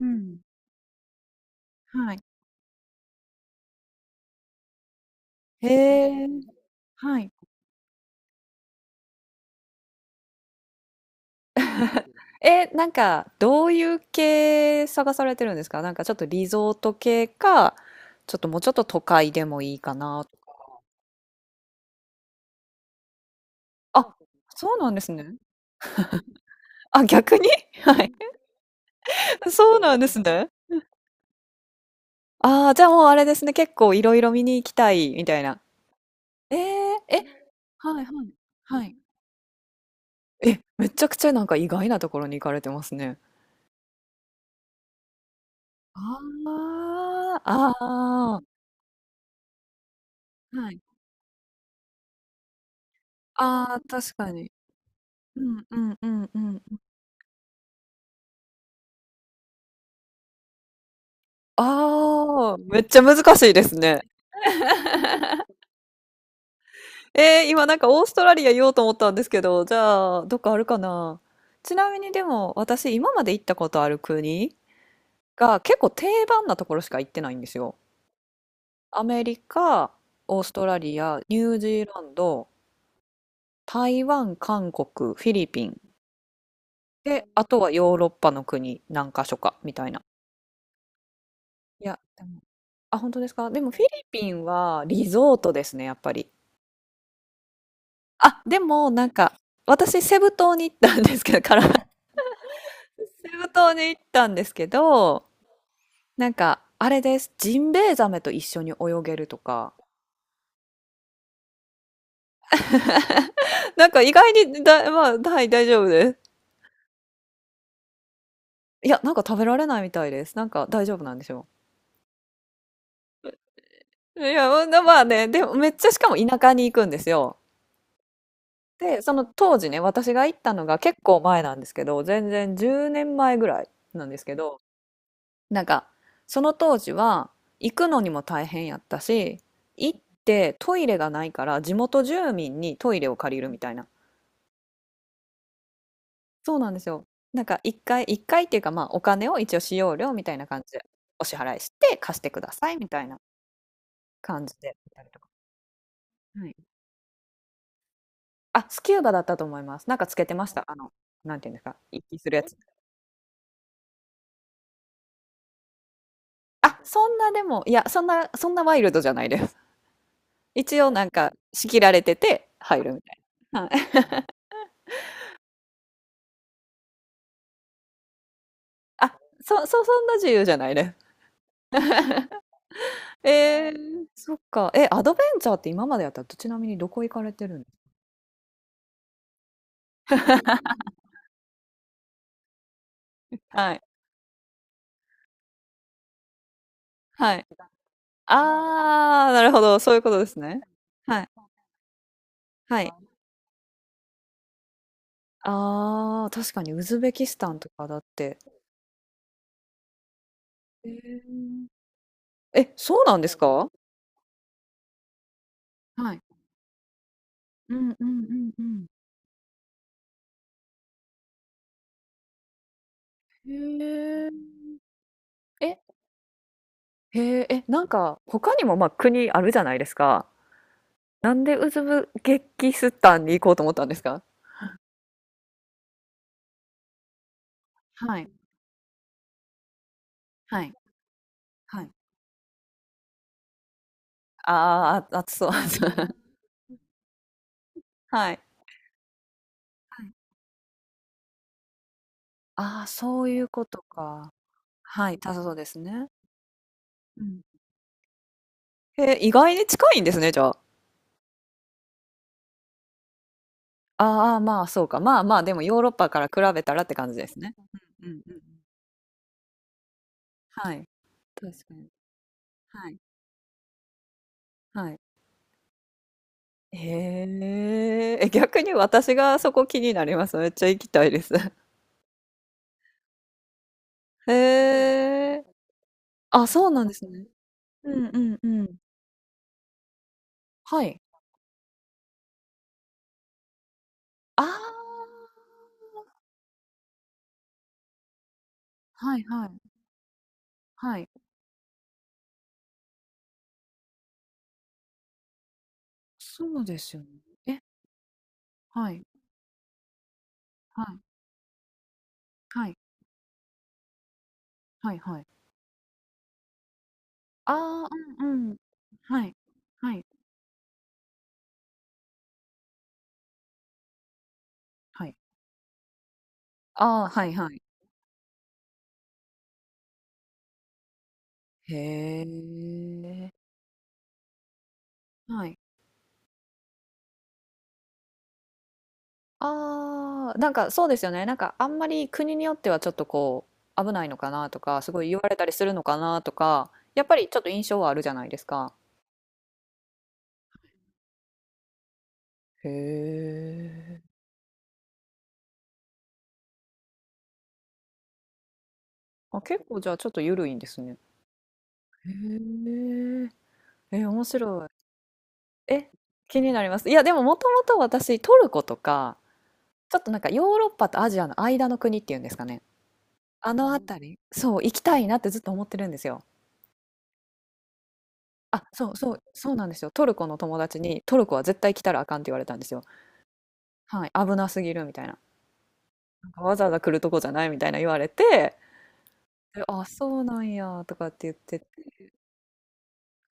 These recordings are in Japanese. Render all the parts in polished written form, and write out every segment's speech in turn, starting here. うん。はい。へえ。はい。え、なんか、どういう系探されてるんですか？なんかちょっとリゾート系か、ちょっともうちょっと都会でもいいかなと。あ、そうなんですね。あ、逆に はい。そうなんですね。ああ、じゃあもうあれですね。結構いろいろ見に行きたい、みたいな。えー、え、はいはい。はい。え、めちゃくちゃなんか意外なところに行かれてますね。ああ、ああ、はい。ああ、確かに。うんうんうんうん。ああ、めっちゃ難しいですね。今なんかオーストラリア言おうと思ったんですけど、じゃあ、どっかあるかな。ちなみにでも、私今まで行ったことある国が結構定番なところしか行ってないんですよ。アメリカ、オーストラリア、ニュージーランド、台湾、韓国、フィリピン。で、あとはヨーロッパの国何か所か、みたいな。いや、でもあ、本当ですか？でもフィリピンはリゾートですね、やっぱり。あ、でも、なんか、私、セブ島に行ったんですけど、から セブ島に行ったんですけど、なんか、あれです。ジンベエザメと一緒に泳げるとか。なんか意外にだ、まあ、はい、大丈夫です。いや、なんか食べられないみたいです。なんか大丈夫なんでしょう。いや、ままあね、でもめっちゃしかも田舎に行くんですよ。で、その当時ね、私が行ったのが結構前なんですけど、全然10年前ぐらいなんですけど、なんか、その当時は、行くのにも大変やったし、行ってトイレがないから、地元住民にトイレを借りるみたいな。そうなんですよ。なんか、一回、一回っていうか、まあ、お金を一応使用料みたいな感じで、お支払いして、貸してくださいみたいな感じで、やったりとか。はい。あ、スキューバだったと思います。なんかつけてました。あの、なんていうんですか、一気するやつ。あ、そんなでも、いや、そんなワイルドじゃないです。一応なんか仕切られてて入るみたいな。はい。あ、そんな自由じゃないね。そっか。え、アドベンチャーって今までやったら、ちなみにどこ行かれてるんですか？はい、はい。ああ、なるほど、そういうことですね。はい、はい。ああ、確かにウズベキスタンとかだって。えー。え、そうなんですか？はい。うんうんうんうん。へえ。え、へえ、え、なんか他にも、国あるじゃないですか。なんでウズブゲキスタンに行こうと思ったんですか？はい、はい、はい。ああ、暑そう。はい。ああ、そういうことか。はい、そうですね。うん。へえ、意外に近いんですね、じゃあ。ああ、まあ、そうか。まあまあ、でもヨーロッパから比べたらって感じですね。うんうんうんうん。はい。確かに。はい。はい。へえ。え、逆に私がそこ気になります。めっちゃ行きたいです。へえ。あ、そうなんですね。うんうんうん。はい。ああ。はいはい。はい。そうですよね。えはい、はい、はい、はいはい。ああ、うんうん。はい、はい、はい。ああ、はいはい。へえ。はい。ああ、なんかそうですよね。なんかあんまり国によってはちょっとこう危ないのかなとか、すごい言われたりするのかなとか、やっぱりちょっと印象はあるじゃないですか。へえ。あ、結構じゃあちょっと緩いんですね。へえ。え、面白い。え、気になります。いや、でももともと私トルコとかちょっとなんかヨーロッパとアジアの間の国っていうんですかね。あの辺り、そう、行きたいなってずっと思ってるんですよ。あ、そうそう、そうなんですよ。トルコの友達に、トルコは絶対来たらあかんって言われたんですよ。はい、危なすぎるみたいな。なんかわざわざ来るとこじゃないみたいな言われて、であ、そうなんやとかって言って、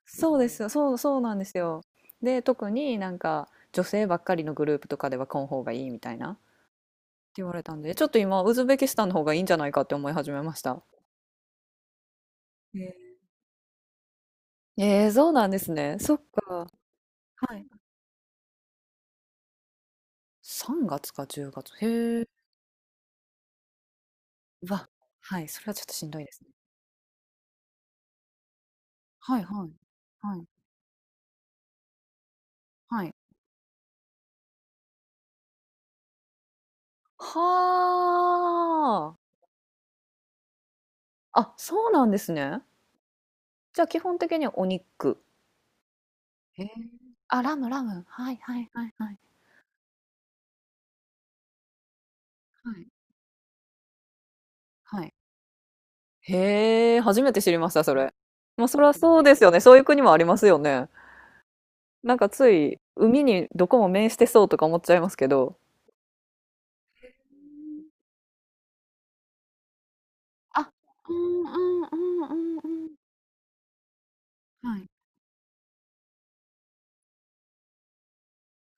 そうですよ、そう、そうなんですよ。で、特になんか女性ばっかりのグループとかでは来ん方がいいみたいなって言われたんで、ちょっと今、ウズベキスタンの方がいいんじゃないかって思い始めました。えそうなんですね。そっか。はい。3月か10月。へえ。うわ、はい、それはちょっとしんどいですね。はいはい。はい、はい。はあ。あ、そうなんですね。じゃあ基本的にはお肉。へえ。あ、ラムラム。はいはいはいはいはい。はい。へえ、初めて知りました、それ。ま、そりゃそうですよね。そういう国もありますよね。なんかつい、海にどこも面してそうとか思っちゃいますけど。あ、うんうんうんうんうん。はい、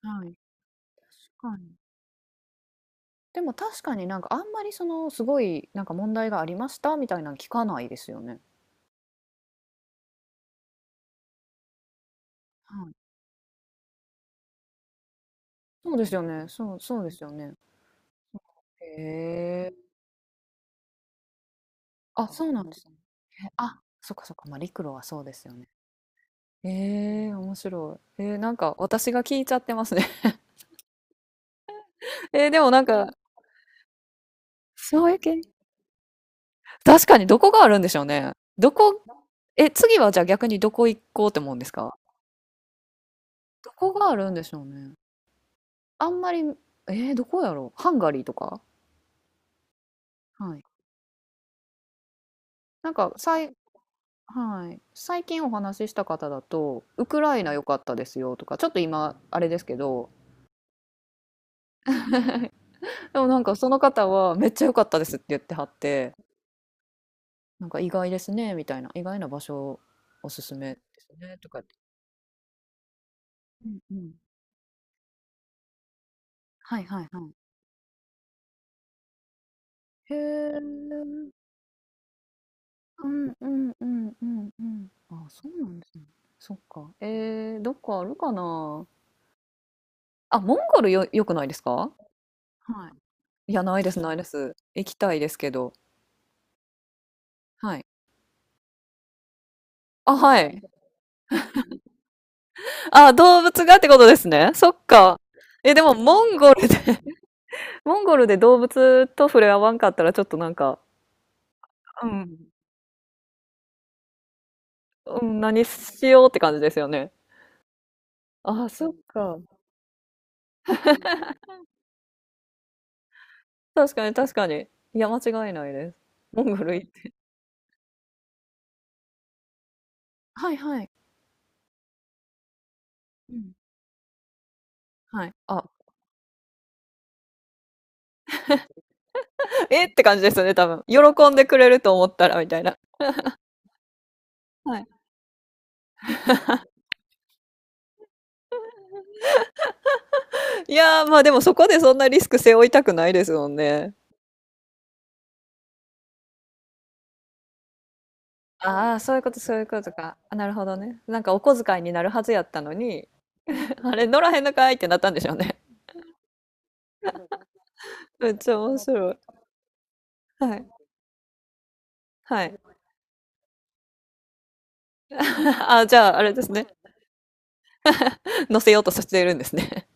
はい。確かに。でも確かになんかあんまりそのすごいなんか問題がありましたみたいなの聞かないですよね。はい。そうですよね。そう、そうですよね。へえ。あ、そうなんですね。へあ、そっかそっか、まあ、陸路はそうですよね。ええ、面白い。なんか私が聞いちゃってますね。でもなんか、そういうけ確かにどこがあるんでしょうね。どこえ、次はじゃあ逆にどこ行こうって思うんですか？どこがあるんでしょうね。あんまり、どこやろう。ハンガリーとか？はい。なんかさいはい。最近お話しした方だと、ウクライナ良かったですよとか、ちょっと今、あれですけど、でもなんかその方はめっちゃ良かったですって言ってはって、なんか意外ですね、みたいな、意外な場所おすすめですね、とかって。うんうん。はいはいはい。へえ。うんうんうんうんうん。あ、そうなんですね。そっか。どっかあるかな。あ、モンゴルよ、良くないですか？はい。いや、ないです、ないです。行きたいですけど。はい。あ、はい。あ、動物がってことですね。そっか。え、でも、モンゴルで モンゴルで動物と触れ合わんかったら、ちょっとなんか、うん、うん、何しようって感じですよね。あ、そっか。確かに、確かに。いや、間違いないです。モンゴル行って。はいはい。うん。はい。あ、えって感じですよね、多分。喜んでくれると思ったら、みたいな。はい。いやー、まあでもそこでそんなリスク背負いたくないですもんね。ああ、そういうこと、そういうことか。あ、なるほどね。なんかお小遣いになるはずやったのに、あれ、乗らへんのかいってなったんでしょうね。めっちゃ面白い。はい。はい。あ、じゃあ、あれですね。乗せようとさせているんですね。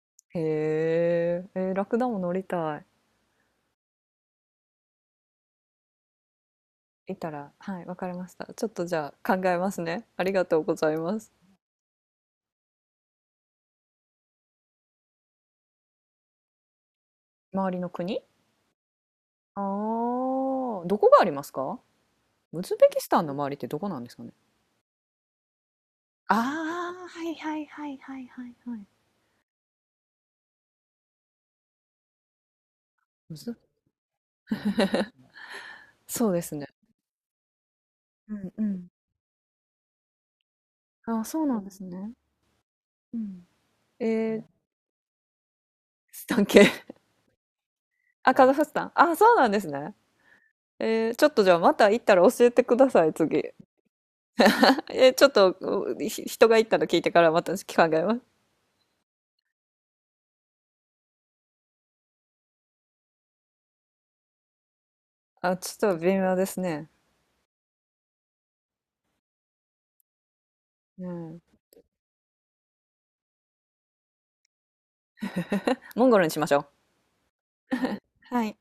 へえ、ラクダも乗りたい。いたら、はい、わかりました。ちょっとじゃあ考えますね。ありがとうございます。周りの国ああどこがありますか？ウズベキスタンの周りってどこなんですかね？ああ、はいはいはいはいはいはい。ウズそうですね。うんうん。あ、そうなんですね。うん。えー、スタン系あ、カザフスタン。あ、そうなんですね。ちょっとじゃあまた行ったら教えてください、次。ちょっと人が行ったの聞いてからまた考えます。あ、ちょっと微妙ですね。うん。モンゴルにしましょう。はい。